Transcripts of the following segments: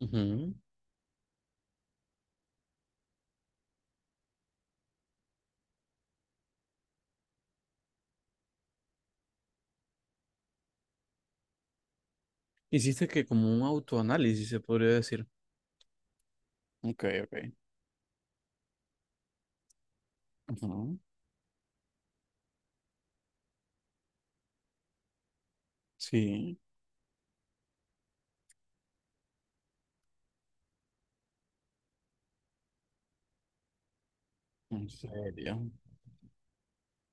Ujú. Hiciste que como un autoanálisis, se podría decir. Ok, ok. Ujú. Sí, en serio.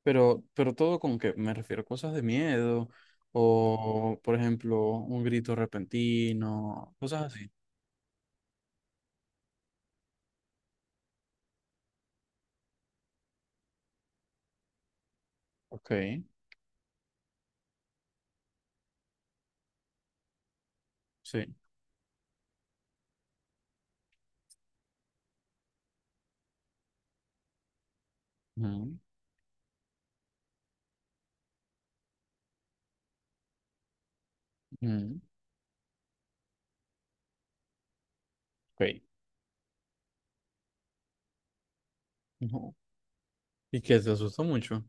Pero todo con que me refiero a cosas de miedo o, por ejemplo, un grito repentino, cosas así. Ok, sí. Ujú, ujú. Ok. Ujú. ¿Y que te asustó mucho?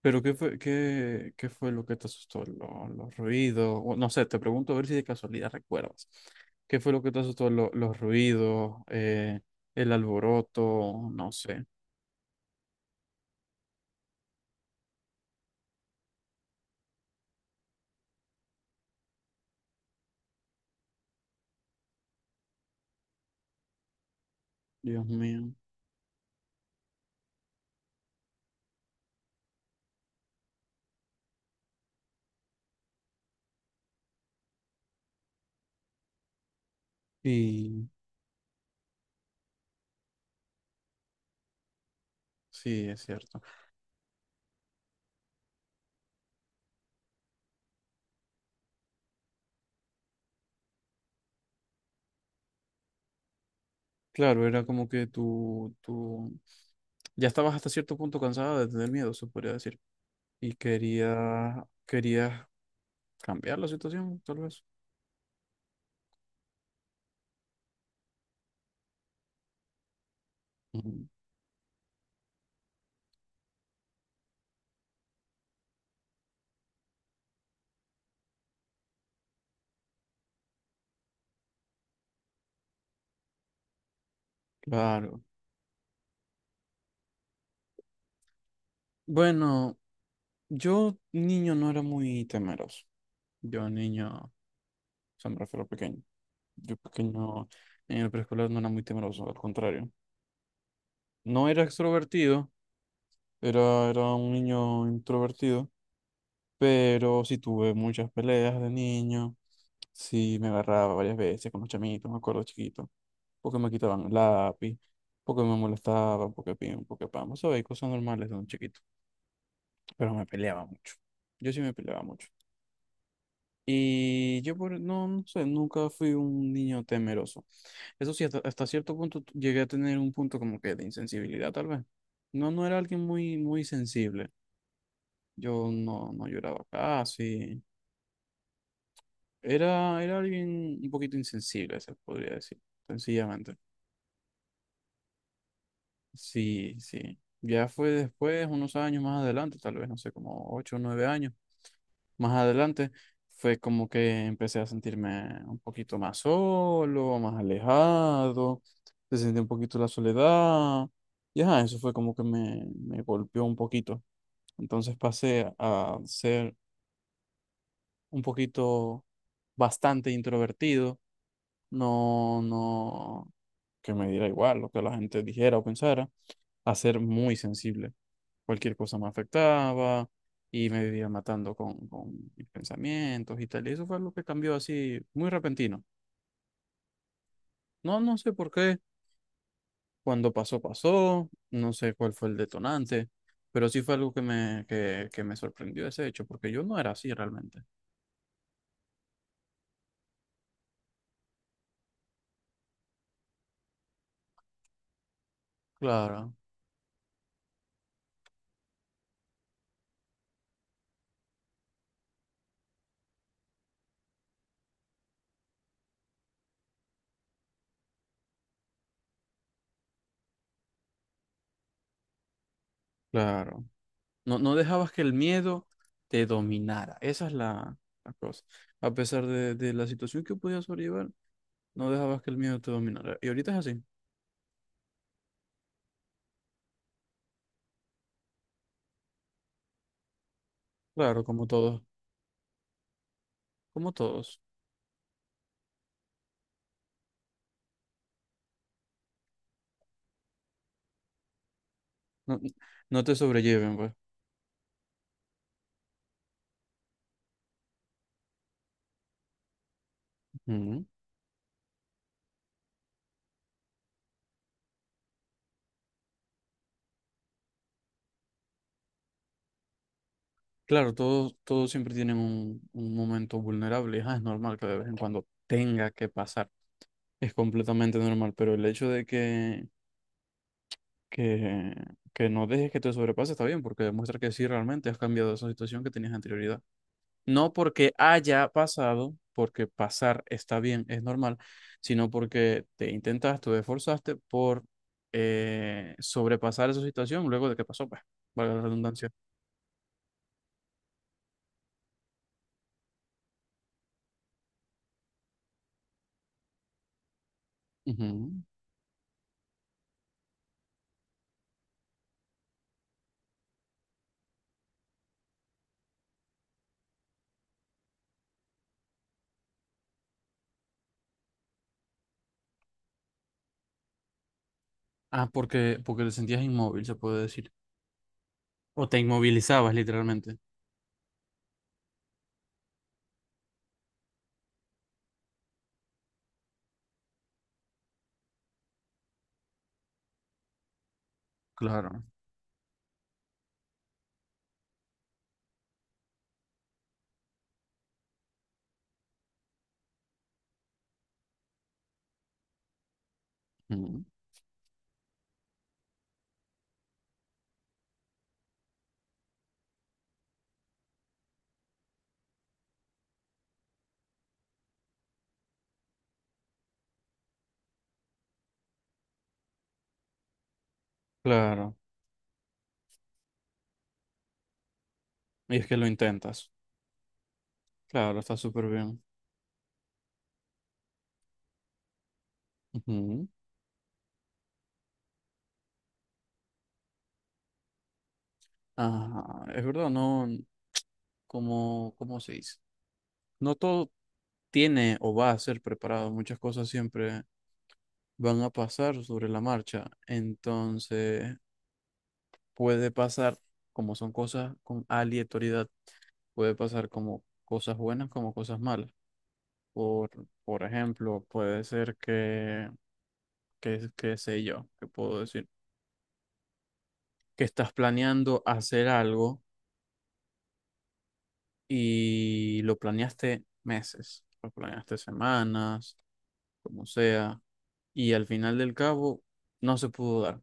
Pero ¿qué fue, qué, qué fue lo que te asustó? ¿Lo- los ruidos? O no sé, te pregunto a ver si de casualidad recuerdas. ¿Qué fue lo que te asustó? ¿Lo- los ruidos, el alboroto, no sé. Dios mío. Y sí, es cierto. Claro, era como que tú ya estabas hasta cierto punto cansada de tener miedo, se podría decir. Y quería, querías cambiar la situación, tal vez. Ujú. Claro. Bueno, yo niño no era muy temeroso. Yo niño, o sea, me refiero a pequeño. Yo pequeño en el preescolar no era muy temeroso, al contrario. No era extrovertido, era un niño introvertido, pero sí tuve muchas peleas de niño, sí me agarraba varias veces con los chamitos, me acuerdo chiquito, porque me quitaban el lápiz, porque me molestaban, porque pim, porque pam, sabes, cosas normales de un chiquito, pero me peleaba mucho. Yo sí me peleaba mucho. Y yo por, no, no sé, nunca fui un niño temeroso. Eso sí, hasta cierto punto llegué a tener un punto como que de insensibilidad, tal vez. No, no era alguien muy, muy sensible. Yo no, no lloraba casi. Era alguien un poquito insensible, se podría decir, sencillamente. Sí, sí. Ya fue después, unos años más adelante, tal vez, no sé, como ocho o nueve años más adelante, fue como que empecé a sentirme un poquito más solo, más alejado, se sentí un poquito la soledad. Y ajá, eso fue como que me golpeó un poquito. Entonces pasé a ser un poquito bastante introvertido no, no, que me diera igual lo que la gente dijera o pensara, a ser muy sensible. Cualquier cosa me afectaba y me vivía matando con mis pensamientos y tal. Y eso fue lo que cambió así, muy repentino. No, no sé por qué, cuando pasó, pasó, no sé cuál fue el detonante, pero sí fue algo que que me sorprendió ese hecho, porque yo no era así realmente. Claro, claro. No, no dejabas que el miedo te dominara. Esa es la cosa. A pesar de la situación que podías sobrellevar, no dejabas que el miedo te dominara. Y ahorita es así. Claro, como todos. Como todos. No, no te sobrelleven, pues. Ujú. Claro, todos, todos siempre tienen un momento vulnerable. Ah, es normal que de vez en cuando tenga que pasar. Es completamente normal. Pero el hecho de que, que no dejes que te sobrepase está bien, porque demuestra que sí realmente has cambiado esa situación que tenías anterioridad. No porque haya pasado, porque pasar está bien, es normal, sino porque te intentaste, te esforzaste por sobrepasar esa situación luego de que pasó, pues, valga la redundancia. Ujú. Ah, porque, porque te sentías inmóvil, se puede decir. O te inmovilizabas literalmente. Claro. Ujú. Claro. Y es que lo intentas. Claro, está súper bien. Ujú. Ah, es verdad, no, como, ¿cómo se dice? No todo tiene o va a ser preparado, muchas cosas siempre van a pasar sobre la marcha, entonces puede pasar, como son cosas con aleatoriedad, puede pasar como cosas buenas como cosas malas. Por, por ejemplo, puede ser que sé yo, que puedo decir, que estás planeando hacer algo y lo planeaste meses, lo planeaste semanas, como sea, y al final del cabo no se pudo dar.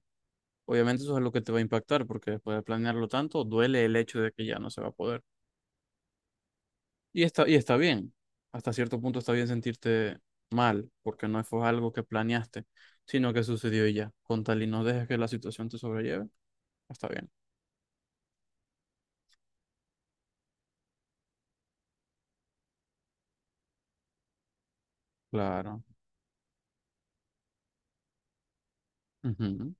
Obviamente eso es lo que te va a impactar, porque después de planearlo tanto, duele el hecho de que ya no se va a poder. Y está bien, hasta cierto punto está bien sentirte mal, porque no fue algo que planeaste, sino que sucedió y ya. Con tal y no dejes que la situación te sobrelleve, está bien. Claro, ujú,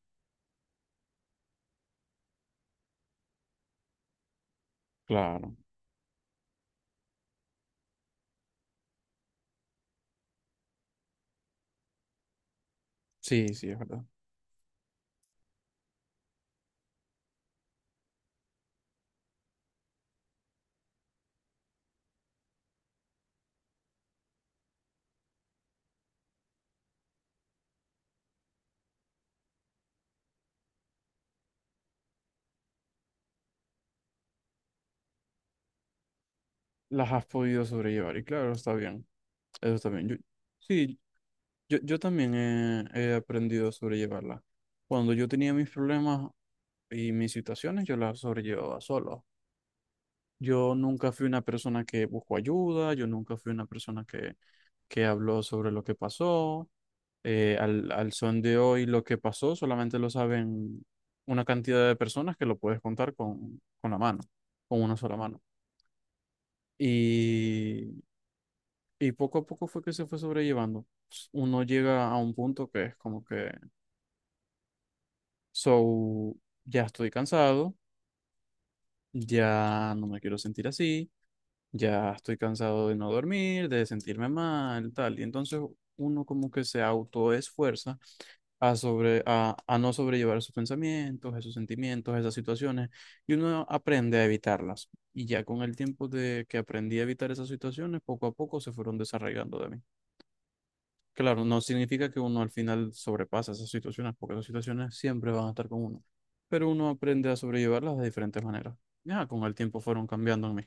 claro, sí, sí, es verdad. Las has podido sobrellevar. Y claro, está bien. Eso está bien. Yo, sí, yo también he, he aprendido a sobrellevarlas. Cuando yo tenía mis problemas y mis situaciones, yo las sobrellevaba solo. Yo nunca fui una persona que buscó ayuda, yo nunca fui una persona que habló sobre lo que pasó. Al son de hoy, lo que pasó solamente lo saben una cantidad de personas que lo puedes contar con la mano, con una sola mano. y Y poco a poco fue que se fue sobrellevando. Pues, uno llega a un punto que es como que, so, ya estoy cansado, ya no me quiero sentir así, ya estoy cansado de no dormir, de sentirme mal, tal. Y entonces uno como que se autoesfuerza a no sobrellevar esos pensamientos, esos sentimientos, esas situaciones, y uno aprende a evitarlas. Y ya con el tiempo de que aprendí a evitar esas situaciones, poco a poco se fueron desarraigando de mí. Claro, no significa que uno al final sobrepasa esas situaciones, porque esas situaciones siempre van a estar con uno. Pero uno aprende a sobrellevarlas de diferentes maneras. Ya, con el tiempo fueron cambiando en mí.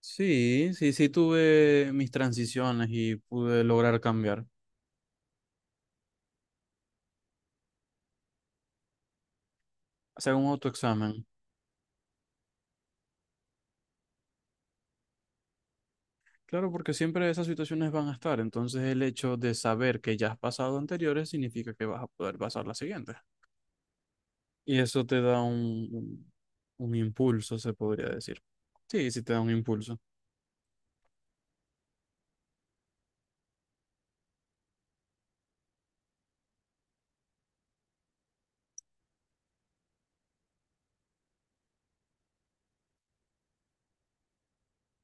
Sí, sí, sí tuve mis transiciones y pude lograr cambiar. Hacer un autoexamen. Claro, porque siempre esas situaciones van a estar. Entonces el hecho de saber que ya has pasado anteriores significa que vas a poder pasar las siguientes. Y eso te da un impulso, se podría decir. Sí, sí te da un impulso.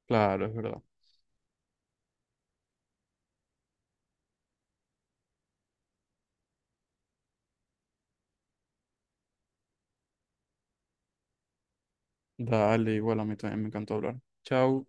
Claro, es verdad. Dale, igual a mí también me encantó hablar. Chao.